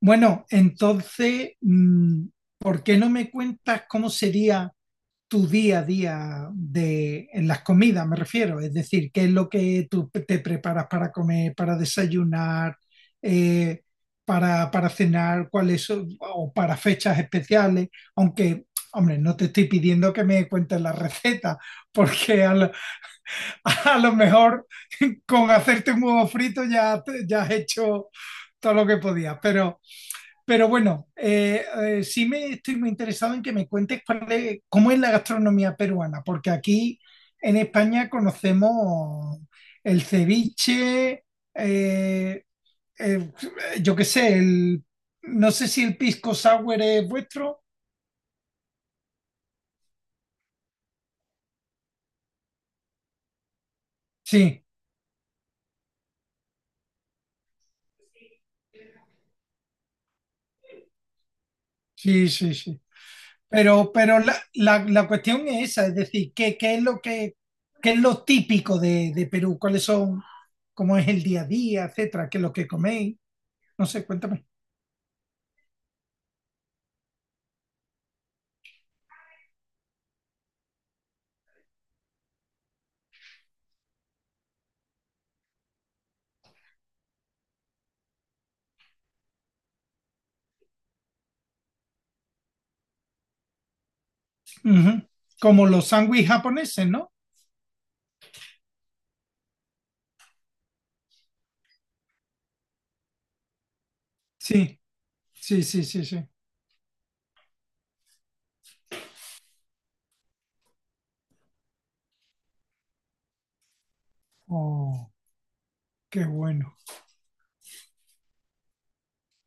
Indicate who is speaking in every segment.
Speaker 1: Bueno, entonces, ¿por qué no me cuentas cómo sería tu día a día de, en las comidas, me refiero? Es decir, ¿qué es lo que te preparas para comer, para desayunar, eh, para cenar, o para fechas especiales? Aunque, hombre, no te estoy pidiendo que me cuentes la receta, porque a lo mejor con hacerte un huevo frito ya, ya has hecho todo lo que podías, pero... Pero bueno, sí me estoy muy interesado en que me cuentes cómo es la gastronomía peruana, porque aquí en España conocemos el ceviche, eh, eh, yo qué sé, no sé si el pisco sour es vuestro. Sí, sí, sí, sí. Pero la cuestión es esa, es decir, ¿qué es lo que, qué es lo típico de Perú? ¿Cuáles son, cómo es el día a día, etcétera? ¿Qué es lo que coméis? No sé, cuéntame. Ujú. Como los sándwiches japoneses, ¿no? Sí, sí, sí, sí, sí. Oh, qué bueno.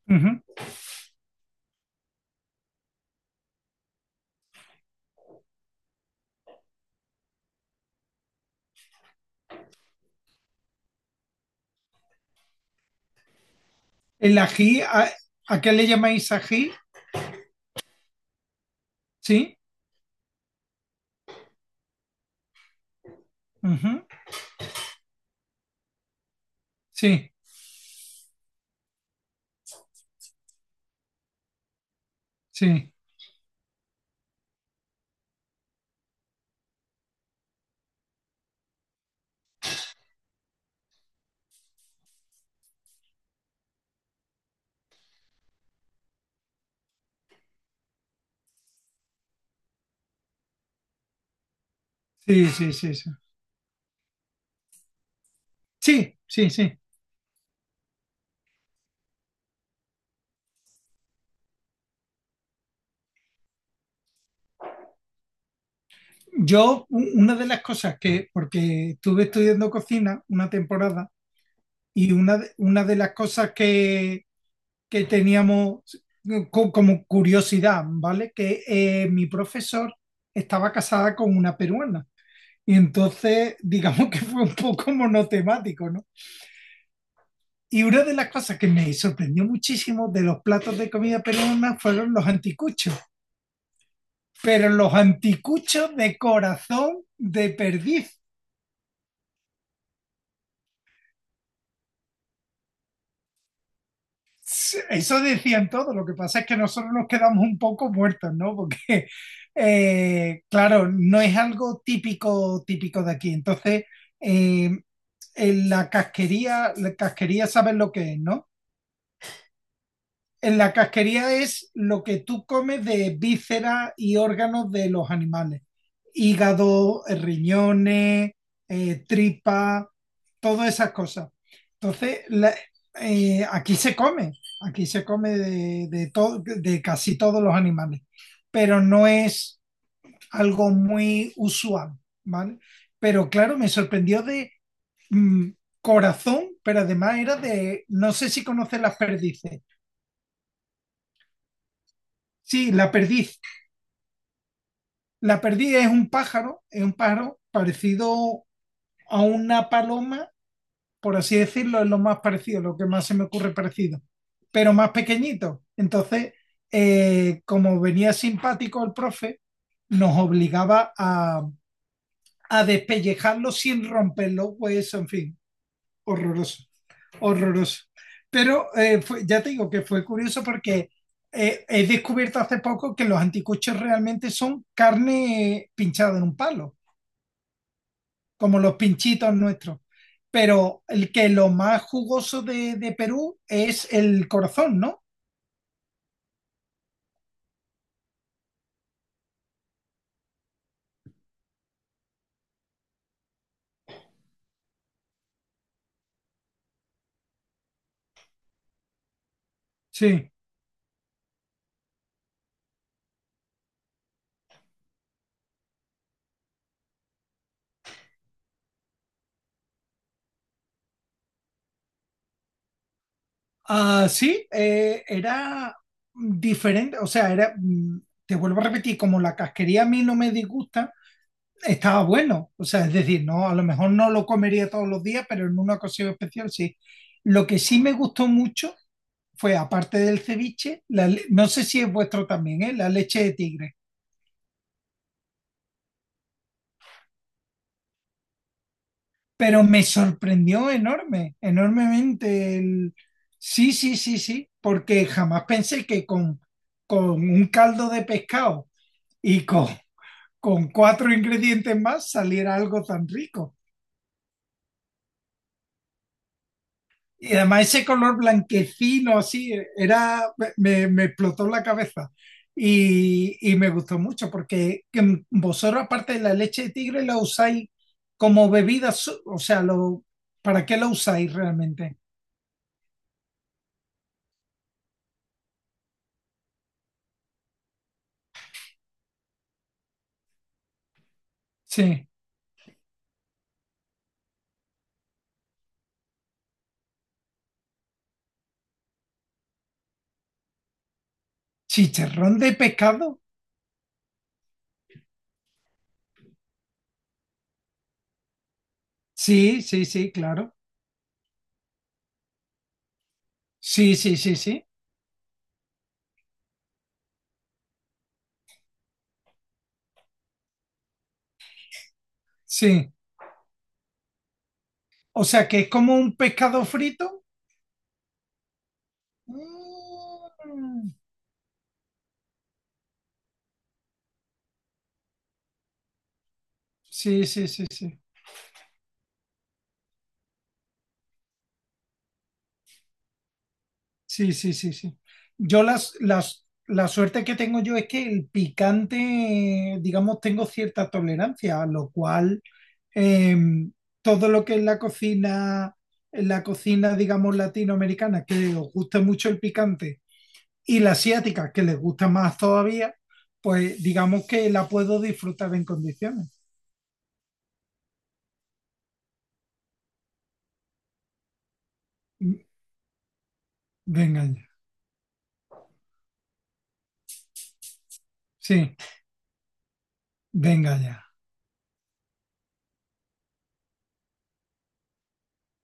Speaker 1: Ujú. El ají, ¿a qué le llamáis ají? Sí, ujú. Sí, sí, sí, sí, sí, sí. Sí, sí, sí. Una de las cosas que, porque estuve estudiando cocina una temporada y una de las cosas que teníamos como curiosidad, ¿vale? Que mi profesor estaba casada con una peruana. Y entonces, digamos que fue un poco monotemático, ¿no? Y una de las cosas que me sorprendió muchísimo de los platos de comida peruana fueron los anticuchos, pero los anticuchos de corazón de perdiz. Eso decían todos, lo que pasa es que nosotros nos quedamos un poco muertos, ¿no? Porque, claro, no es algo típico, típico de aquí. Entonces, eh, en la casquería saben lo que es, ¿no? En la casquería es lo que tú comes de vísceras y órganos de los animales. Hígado, riñones, tripa, todas esas cosas. Entonces, eh, aquí se come, aquí se come de casi todos los animales, pero no es algo muy usual, ¿vale? Pero claro, me sorprendió de mm, corazón, pero además era de, no sé si conoces las perdices. Sí, la perdiz. La perdida es un pájaro parecido a una paloma, por así decirlo, es lo más parecido, lo que más se me ocurre parecido, pero más pequeñito. Entonces, como venía simpático el profe, nos obligaba a despellejarlo sin romperlo los huesos, en fin, horroroso, horroroso. Pero ya te digo que fue curioso porque he descubierto hace poco que los anticuchos realmente son carne pinchada en un palo, como los pinchitos nuestros. Pero el que lo más jugoso de Perú es el corazón, ¿no? Sí. Ah, sí, era diferente, o sea, era, te vuelvo a repetir, como la casquería a mí no me disgusta, estaba bueno, o sea, es decir, no, a lo mejor no lo comería todos los días, pero en una ocasión especial sí. Lo que sí me gustó mucho fue, aparte del ceviche, no sé si es vuestro también, ¿eh? La leche de tigre. Pero me sorprendió enorme, enormemente el... Sí, sí, sí, sí, porque jamás pensé que con un caldo de pescado y con cuatro ingredientes más saliera algo tan rico. Y además ese color blanquecino así, era, me explotó la cabeza. Y me gustó mucho porque que vosotros aparte de la leche de tigre la usáis como bebida, o sea, lo, ¿para qué la usáis realmente? Sí. Chicharrón de pescado. Sí, sí, sí, claro. Sí, sí, sí, sí. Sí. O sea que es como un pescado frito. Mm. Sí, sí, sí, sí. Sí, sí, sí, sí. Yo la suerte que tengo yo es que el picante, digamos, tengo cierta tolerancia, a lo cual em, todo lo que es la cocina, en la cocina, digamos, latinoamericana, que os gusta mucho el picante y la asiática, que les gusta más todavía, pues digamos que la puedo disfrutar en condiciones. Venga ya, sí, venga ya.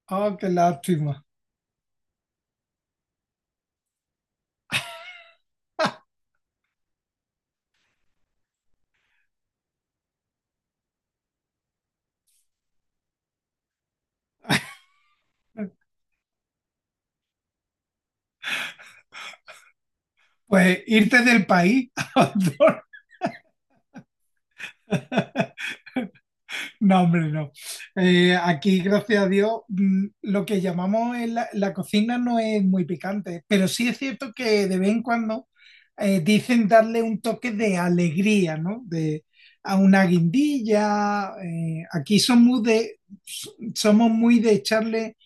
Speaker 1: Oh, qué lástima. Pues irte del país a otro. No, hombre, no. Aquí, gracias a Dios, lo que llamamos en la cocina no es muy picante, pero sí es cierto que de vez en cuando dicen darle un toque de alegría, ¿no? De, a una guindilla. Aquí somos s- somos muy de echarle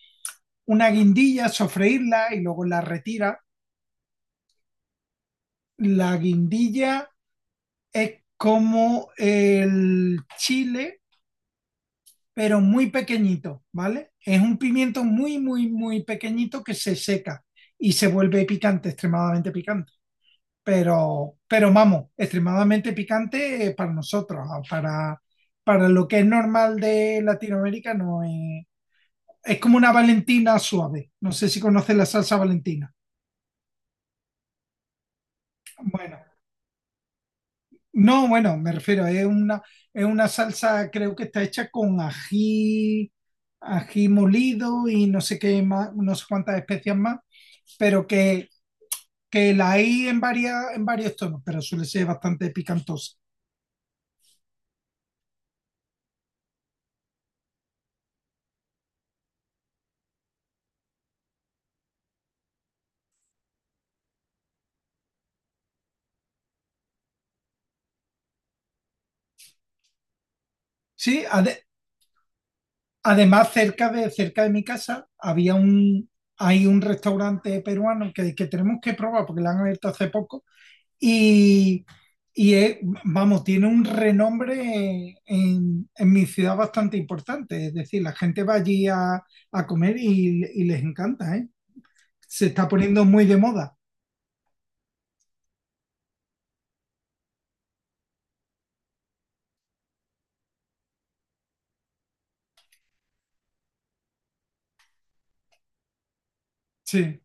Speaker 1: una guindilla, sofreírla y luego la retira. La guindilla es como el chile pero muy pequeñito, ¿vale? Es un pimiento muy, muy, muy pequeñito que se seca y se vuelve picante, extremadamente picante. Pero vamos, extremadamente picante para nosotros, ah, para lo que es normal de Latinoamérica no es... Es como una Valentina suave. No sé si conoces la salsa Valentina. Bueno, no, bueno, me refiero, es una salsa, creo que está hecha con ají, ají molido y no sé qué más, no sé cuántas especias más, pero que la hay en varias, en varios tonos, pero suele ser bastante picantosa. Sí, además cerca de mi casa hay un restaurante peruano que tenemos que probar porque lo han abierto hace poco. Y, y es- vamos, tiene un renombre en mi ciudad bastante importante. Es decir, la gente va allí a comer y les encanta, ¿eh? Se está poniendo muy de moda. Sí,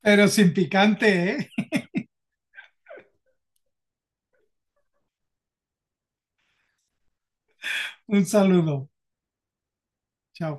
Speaker 1: pero sin picante, ¿eh? Un saludo. Chao.